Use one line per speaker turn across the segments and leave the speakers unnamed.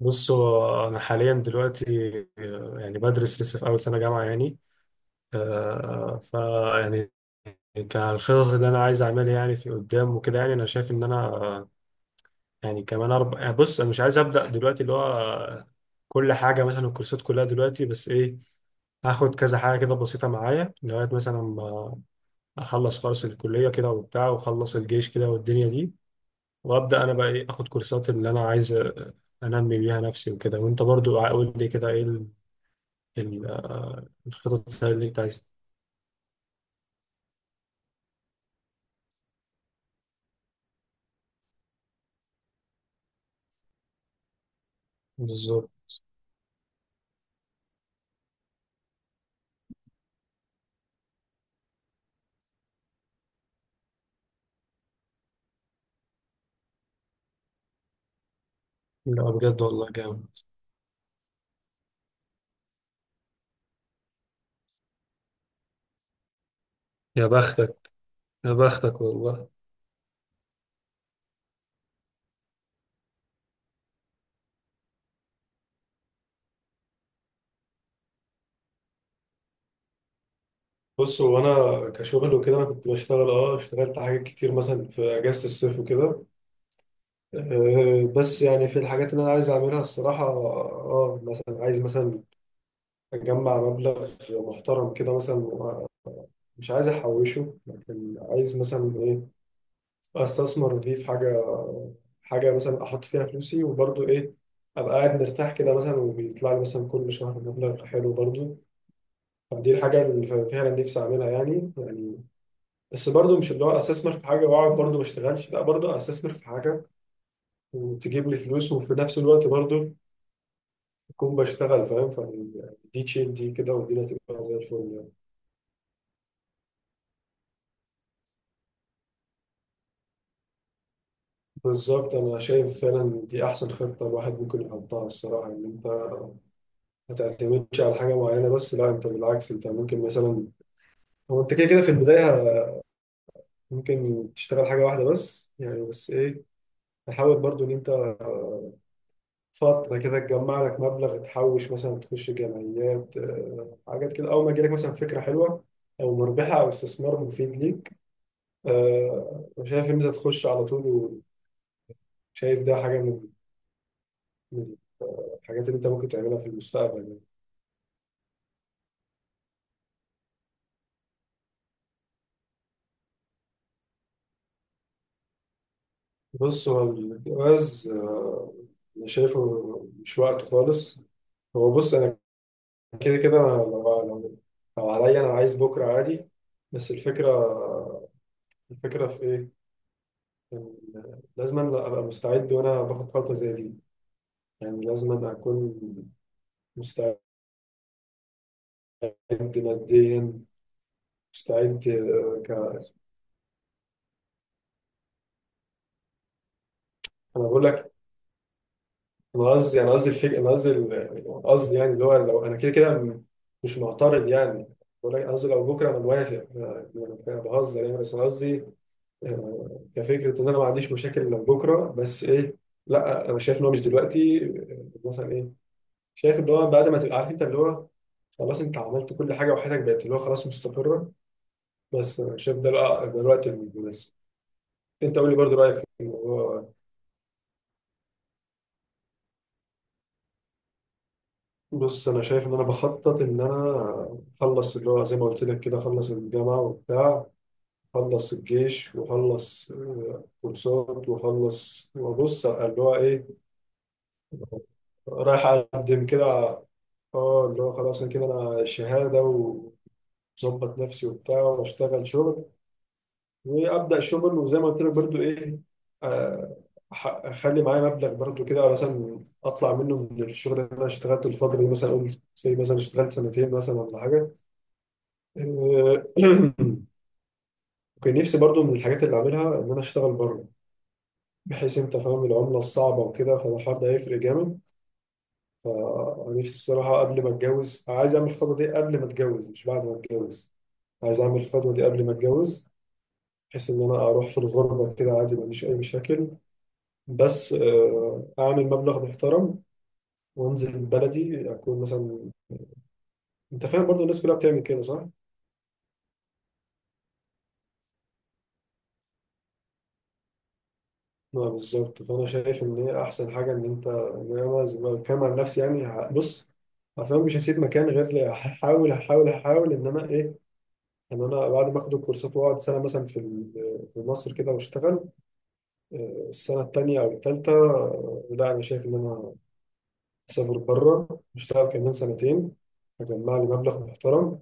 بصوا أنا حاليا دلوقتي، يعني بدرس لسه في أول سنة جامعة يعني. آه، ف يعني كالخطط اللي أنا عايز أعملها يعني في قدام وكده، يعني أنا شايف إن أنا يعني كمان أربع. يعني بص، أنا مش عايز أبدأ دلوقتي اللي هو كل حاجة مثلا الكورسات كلها دلوقتي، بس إيه، هاخد كذا حاجة كده بسيطة معايا لغاية مثلا ما أخلص خالص الكلية كده وبتاع، وأخلص الجيش كده والدنيا دي، وابدا انا بقى ايه اخد كورسات اللي انا عايز انمي بيها نفسي وكده. وانت برضو قول لي كده ايه الخطط اللي انت عايز. بالظبط. لا بجد والله جامد. يا بختك، يا بختك والله. بص هو انا كشغل وكده انا كنت بشتغل، اه اشتغلت حاجات كتير مثلا في اجازه الصيف وكده. بس يعني في الحاجات اللي انا عايز اعملها الصراحه، اه مثلا عايز مثلا اجمع مبلغ محترم كده مثلا، مش عايز احوشه لكن عايز مثلا ايه، استثمر دي في حاجه. حاجه مثلا احط فيها فلوسي وبرضه ايه، ابقى قاعد مرتاح كده مثلا، وبيطلع لي مثلا كل شهر مبلغ حلو برضه. فدي الحاجه اللي فعلا نفسي اعملها يعني يعني. بس برضه مش اللي هو استثمر في حاجه واقعد برضه ما اشتغلش، لا برضه استثمر في حاجه وتجيب لي فلوس، وفي نفس الوقت برضه اكون بشتغل، فاهم؟ فدي تشيل دي كده، ودي هتبقى زي الفل يعني. بالظبط. انا شايف فعلا دي احسن خطه الواحد ممكن يحطها الصراحه، ان انت ما تعتمدش على حاجة معينة بس، لا انت بالعكس، انت ممكن مثلا، هو انت كده كده في البداية ممكن تشتغل حاجة واحدة بس يعني، بس ايه تحاول برضو ان انت فترة كده تجمع لك مبلغ، تحوش مثلا، تخش جمعيات، حاجات كده. أول ما يجيلك مثلا فكرة حلوة أو مربحة أو استثمار مفيد ليك، أنا شايف إن أنت تخش على طول. وشايف ده حاجة من الحاجات اللي أنت ممكن تعملها في المستقبل يعني. بص هو الجواز، أنا شايفه مش وقته خالص. هو بص أنا كده كده أنا لو لو عليا انا عايز بكره عادي. بس الفكره، الفكره في ايه، إن لازم أنا ابقى مستعد وانا باخد خطوه زي دي. يعني لازم أنا اكون مستعد ماديا. مستعد انا بقول لك. انا قصدي، انا قصدي الفكره، انا قصدي قصدي يعني اللي هو لو انا كده كده مش معترض يعني. بقول لك قصدي لو بكره انا موافق، انا يعني أنا بهزر يعني، بس انا قصدي كفكره ان انا ما عنديش مشاكل لو بكره. بس ايه، لا انا شايف ان هو مش دلوقتي. مثلا ايه، شايف ان هو بعد ما تبقى عارف انت اللي هو خلاص انت عملت كل حاجه وحياتك بقت اللي هو خلاص مستقره، بس شايف ده ده الوقت المناسب. انت قول لي برضه رايك في الموضوع. بص انا شايف ان انا بخطط ان انا اخلص اللي هو زي ما قلت لك كده، اخلص الجامعه وبتاع، اخلص الجيش، واخلص كورسات، واخلص وابص اللي هو ايه، رايح اقدم كده. اه اللي هو خلاص انا كده، انا شهاده وظبط نفسي وبتاع واشتغل شغل، وابدا شغل. وزي ما قلت لك برضو ايه، آه، اخلي معايا مبلغ برضو كده مثلا، اطلع منه من الشغل اللي انا اشتغلته الفتره دي، مثلا اقول زي مثلا اشتغلت سنتين مثلا ولا حاجه. آه، كان نفسي برضو من الحاجات اللي اعملها ان انا اشتغل بره، بحيث انت فاهم العمله الصعبه وكده، فالحوار ده هيفرق جامد. فنفسي الصراحه قبل ما اتجوز عايز اعمل الخطوه دي قبل ما اتجوز مش بعد ما اتجوز. عايز اعمل الخطوه دي قبل ما اتجوز، بحيث ان انا اروح في الغربه كده عادي ما عنديش اي مشاكل. بس اعمل مبلغ محترم وانزل بلدي، اكون مثلا، انت فاهم، برضو الناس كلها بتعمل كده صح؟ اه بالظبط. فانا شايف ان هي احسن حاجه ان انت، إن انا زي ما بتكلم عن نفسي يعني بص، اصلا مش هسيب مكان غير هحاول ان انا ايه، ان انا بعد ما اخد الكورسات واقعد سنه مثلا في في مصر كده واشتغل. السنه التانيه او التالته، لا انا شايف ان انا أسافر بره أشتغل كمان سنتين، أجمع لي مبلغ محترم.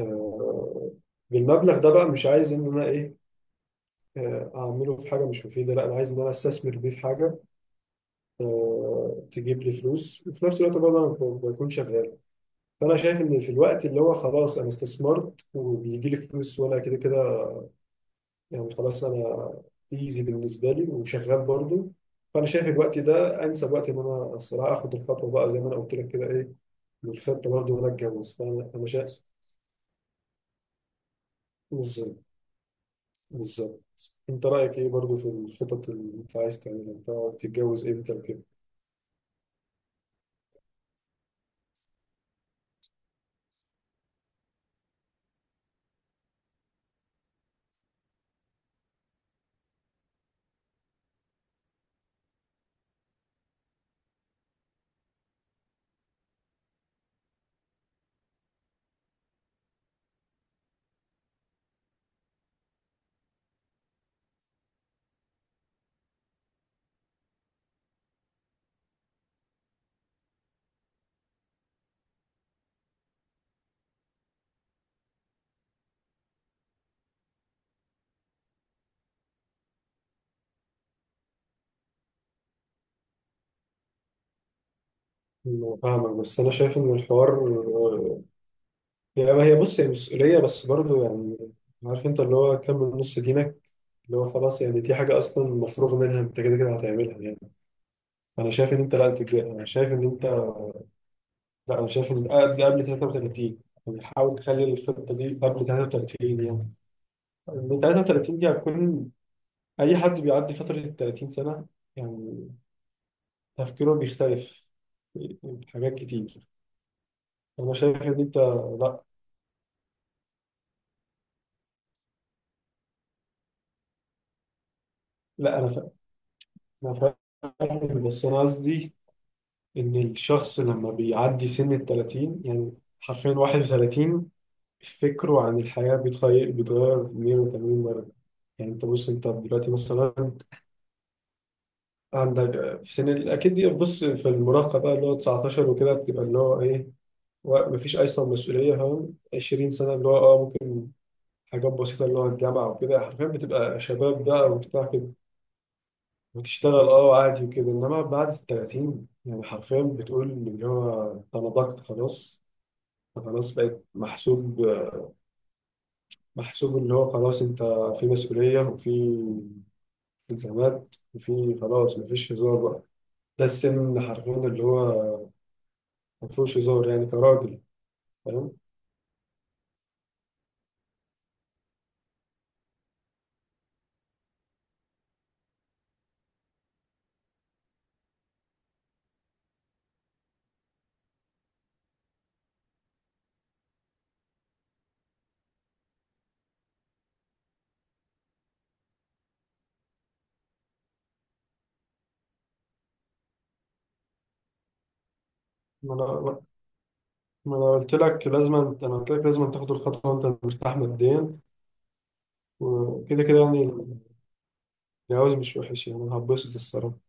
آه، بالمبلغ ده بقى مش عايز إن أنا إيه، أعمله في حاجة مش مفيدة، لا أنا عايز إن أنا أستثمر بيه في حاجة، تجيب لي فلوس وفي نفس الوقت برضه أنا بكون شغال. فأنا شايف إن في الوقت اللي هو خلاص أنا استثمرت وبيجي لي فلوس، وأنا كده كده يعني خلاص. انا ايزي بالنسبه لي وشغال برضو. فانا شايف الوقت ده انسب وقت ان انا الصراحه اخد الخطوه بقى، زي ما انا قلت لك كده ايه، والخطه برضو وانا اتجوز، فانا، انا شايف. بالظبط. بالظبط. انت رايك ايه برضو في الخطط اللي انت عايز تعملها انت؟ تتجوز امتى وكده؟ أنا فاهمك بس انا شايف ان الحوار آه، يعني، ما هي بص هي مسؤوليه بس برضو يعني، عارف انت اللي هو كمل نص دينك، اللي هو خلاص يعني دي حاجه اصلا مفروغ منها انت كده كده هتعملها يعني. انا شايف ان انت لا انا شايف ان انت لا انا شايف ان قبل 33، يعني حاول تخلي الخطه دي قبل 33 يعني. من 33 دي هتكون، اي حد بيعدي فتره ال 30 سنه يعني تفكيره بيختلف في حاجات كتير. انا شايف ان انت، لا لا انا انا فاهم، بس انا قصدي ان الشخص لما بيعدي سن ال 30 يعني، حرفيا 31، فكره عن الحياة بيتغير، 180 مرة يعني. انت بص، انت دلوقتي مثلا عندك في سن اكيد دي، بص في المراهقة بقى اللي هو 19 وكده بتبقى اللي هو ايه، مفيش اصلا مسؤولية فاهم، 20 سنة اللي هو اه ممكن حاجات بسيطة اللي هو الجامعة وكده، حرفيا بتبقى شباب بقى وبتاع كده وتشتغل اه عادي وكده. انما بعد ال 30 يعني حرفيا بتقول اللي هو انت نضجت خلاص. خلاص بقيت محسوب، اللي هو خلاص انت في مسؤولية وفي التزامات وفي خلاص مفيش هزار بقى. ده السن حرفيا اللي هو مفيهوش هزار يعني كراجل. فاهم؟ ما انا ما انا قلت لك لازم انت، انا قلت لك لازم تاخد الخطوه وانت مرتاح ماديا. وكده كده يعني الجواز مش وحش يعني، انا هتبسط الصراحه.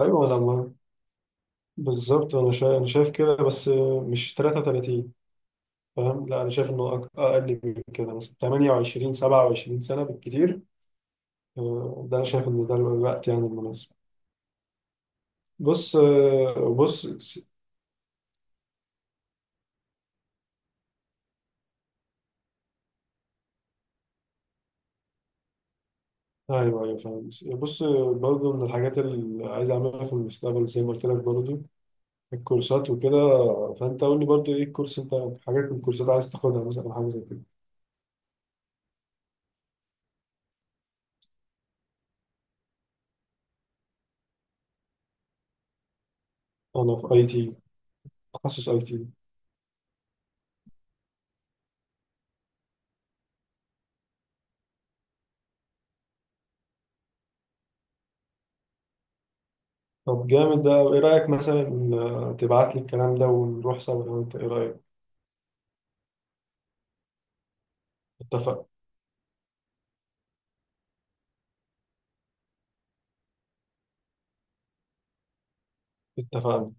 ايوه لما، بالظبط. انا شايف كده بس مش 33 فاهم؟ لا انا شايف انه اقل من كده، مثلا 28 27 سنه بالكتير. ده انا شايف ان ده الوقت يعني المناسب. بص، بص. ايوه ايوه فاهم. بص برضه من الحاجات اللي عايز اعملها في المستقبل زي ما قلت لك برضه، الكورسات وكده. فانت قول لي برضه ايه الكورس انت، حاجات من الكورسات عايز تاخدها مثلا أو حاجه زي كده. انا في اي تي. تخصص اي تي. طب جامد. ده ايه رايك مثلا إن تبعت لي الكلام ده ونروح سوا، لو انت ايه رايك؟ اتفق. اتفقنا.